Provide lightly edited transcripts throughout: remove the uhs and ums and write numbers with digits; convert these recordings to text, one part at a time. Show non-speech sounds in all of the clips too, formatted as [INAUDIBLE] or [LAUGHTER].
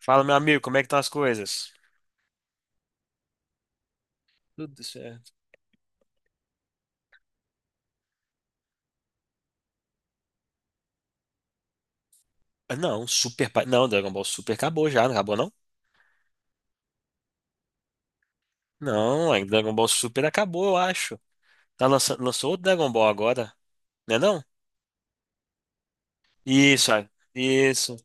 Fala, meu amigo, como é que estão as coisas? Tudo certo. Ah, não, Super. Não, Dragon Ball Super acabou já, não acabou não? Não, ainda Dragon Ball Super acabou, eu acho. Tá lançando, lançou outro Dragon Ball agora, né não? Isso, ah, isso.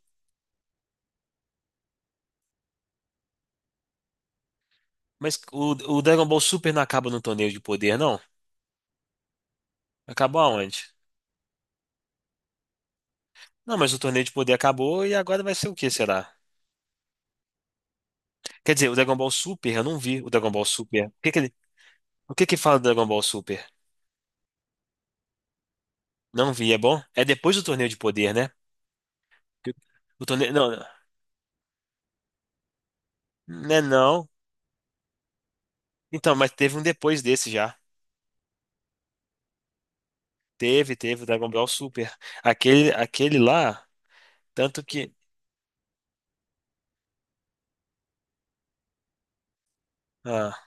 Mas o Dragon Ball Super não acaba no torneio de poder, não? Acabou aonde? Não, mas o torneio de poder acabou e agora vai ser o que, será? Quer dizer, o Dragon Ball Super, eu não vi o Dragon Ball Super. O que que fala do Dragon Ball Super? Não vi, é bom? É depois do torneio de poder, né? Que- O torneio, não, não é não. Então, mas teve um depois desse já. Teve o Dragon Ball Super. Aquele lá, tanto que. Ah,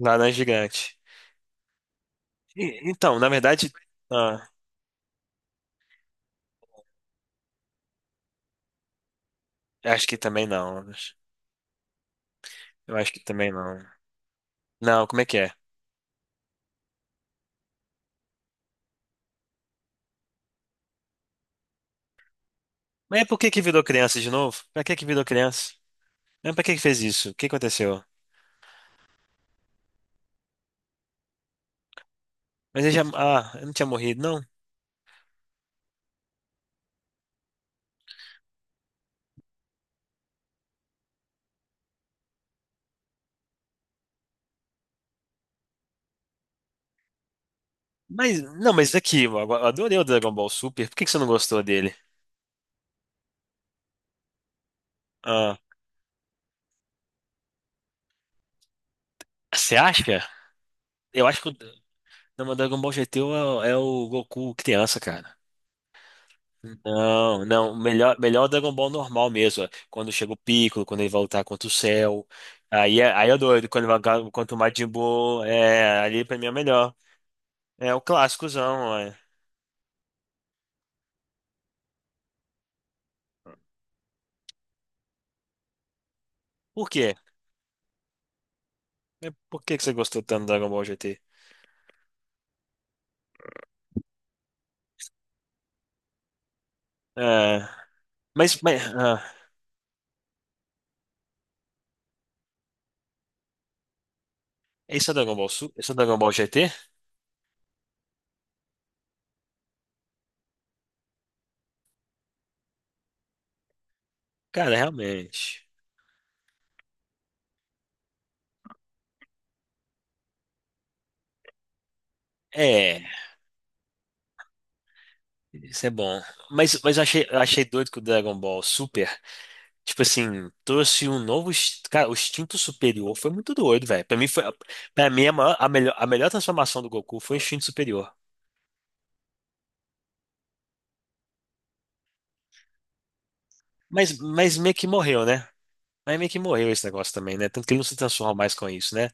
laranja gigante. Então, na verdade. Ah, acho que também não. Eu acho que também não. Não, como é que é? Mas por que que virou criança de novo? Pra que que virou criança? Mas pra que que fez isso? O que aconteceu? Mas ele já. Ah, eu não tinha morrido, não. Mas, não, mas aqui, eu adorei o Dragon Ball Super. Por que que você não gostou dele? Ah, você acha? Eu acho que. Não, mas Dragon Ball GT é, o é o Goku criança, cara. Não, não, melhor, melhor Dragon Ball normal mesmo, ó. Quando chega o Piccolo, quando ele vai lutar contra o Cell. Aí é doido, quando ele vai contra o Majin Buu, é, ali pra mim é o melhor. É o clássicozão, é. Por quê? É, por que que você gostou tanto do Dragon Ball GT? É, mas, esse é o esse é o Dragon Ball GT? Cara, realmente. É, isso é bom. Mas eu achei, doido que o Dragon Ball Super. Tipo assim, trouxe um novo. Cara, o instinto superior foi muito doido, velho. Pra mim a melhor transformação do Goku foi o instinto superior. Mas meio que morreu, né? Mas meio que morreu esse negócio também, né? Tanto que ele não se transforma mais com isso, né?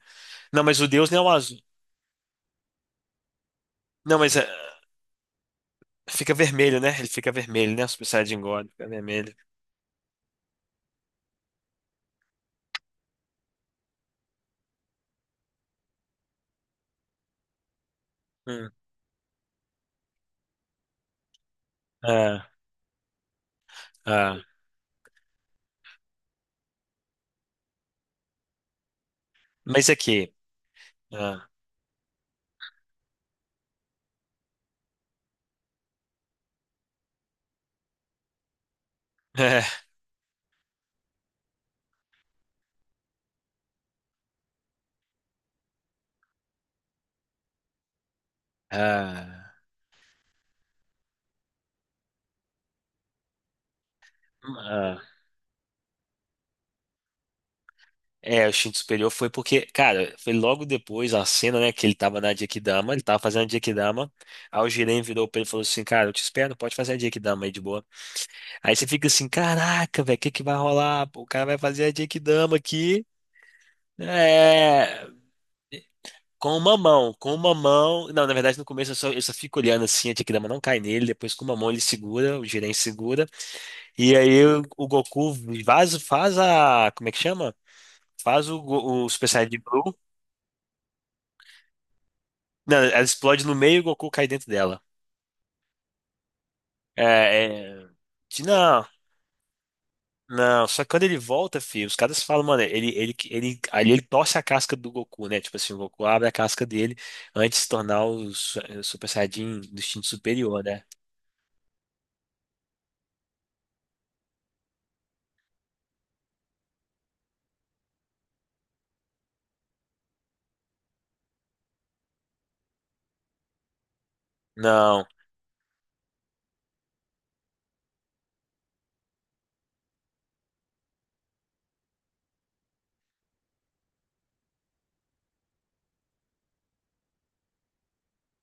Não, mas o Deus não é o azul. Não, mas é, fica vermelho, né? Ele fica vermelho, né? O Super Saiyajin God fica vermelho. Hum. Ah, ah. Mas é que. Ah. [LAUGHS] Ah. Ah. É, o instinto superior foi porque, cara, foi logo depois a cena, né, que ele tava na Jequidama, ele tava fazendo a Jequidama, aí o Jiren virou pra ele e falou assim, cara, eu te espero, pode fazer a Jequidama aí de boa. Aí você fica assim, caraca, velho, o que que vai rolar? Pô, o cara vai fazer a Jequidama aqui, é, com uma mão, não, na verdade no começo eu só, fico olhando assim, a Jequidama não cai nele, depois com uma mão ele segura, o Jiren segura, e aí o Goku faz a, como é que chama? Faz o Super Saiyajin Blue. Não, ela explode no meio e o Goku cai dentro dela. É, é... Não, não. Só que quando ele volta, filho, os caras falam, mano, ele, ali ele torce a casca do Goku, né? Tipo assim, o Goku abre a casca dele antes de se tornar o Super Saiyajin do instinto superior, né? Não,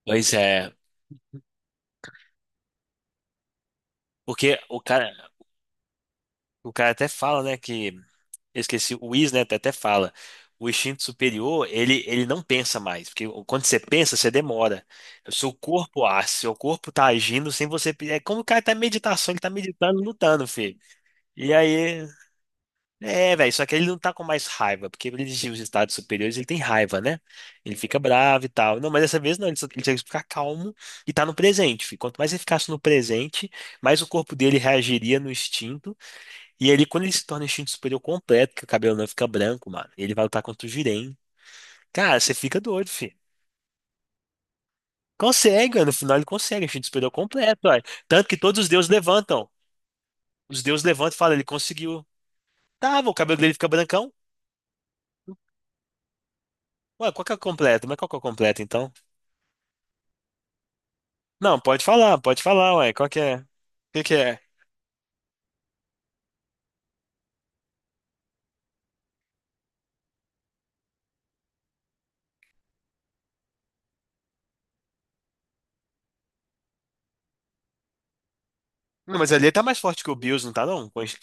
pois é. Porque o cara até fala, né, que eu esqueci, o Is, né, até fala, o instinto superior, ele não pensa mais, porque quando você pensa, você demora. O seu corpo age, seu corpo tá agindo sem você... É como o cara tá em meditação, ele tá meditando, lutando, filho. E aí... É, velho, só que ele não tá com mais raiva, porque ele diz os estados superiores, ele tem raiva, né? Ele fica bravo e tal. Não, mas dessa vez não, ele tem que ficar calmo e tá no presente, filho. Quanto mais ele ficasse no presente, mais o corpo dele reagiria no instinto, quando ele se torna instinto superior completo, que o cabelo não fica branco, mano, e ele vai lutar contra o Jiren. Cara, você fica doido, filho. Consegue, mano. No final ele consegue, instinto superior completo, olha. Tanto que todos os deuses levantam. Os deuses levantam e falam, ele conseguiu. Tava, o cabelo dele fica brancão. Ué, qual que é o completo? Mas qual que é o completo, então? Não, pode falar, ué. Qual que é? O que que é? Não, mas ali ele tá mais forte que o Bills, não tá, não?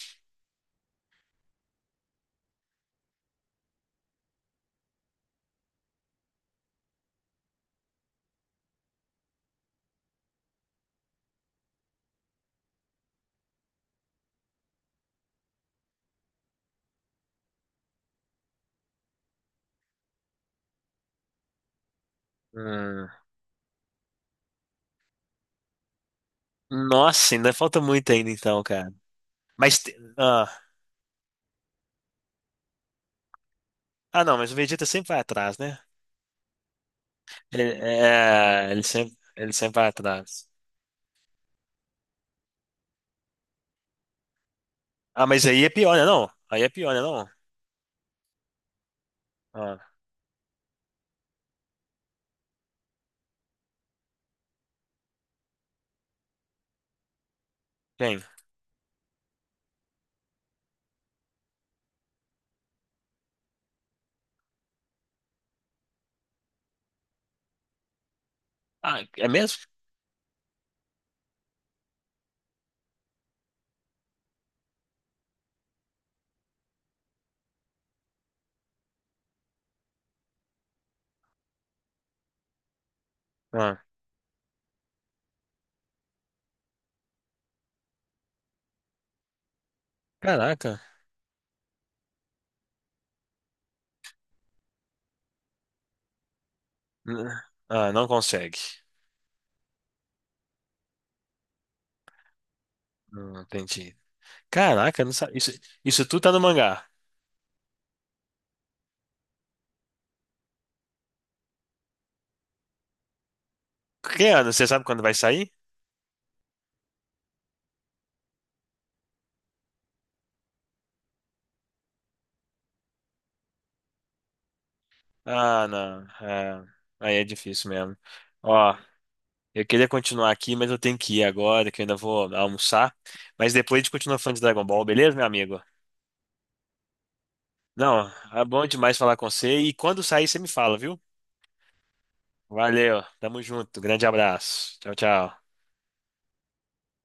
Hum. Nossa, ainda falta muito ainda, então, cara. Ah, ah não, mas o Vegeta sempre vai atrás, né? Ele sempre vai atrás. Ah, mas aí é pior, né, não? Aí é pior, né, não? Ah, quem? Ah, é mesmo? Ah, caraca. N- Ah, não consegue. Não entendi. Caraca, não sa- Isso tudo tá no mangá. Que ano? Você sabe quando vai sair? Ah, não. É, aí é difícil mesmo. Ó, eu queria continuar aqui, mas eu tenho que ir agora, que eu ainda vou almoçar. Mas depois a gente continua falando de Dragon Ball, beleza, meu amigo? Não, é bom demais falar com você. E quando sair, você me fala, viu? Valeu, tamo junto. Grande abraço. Tchau, tchau.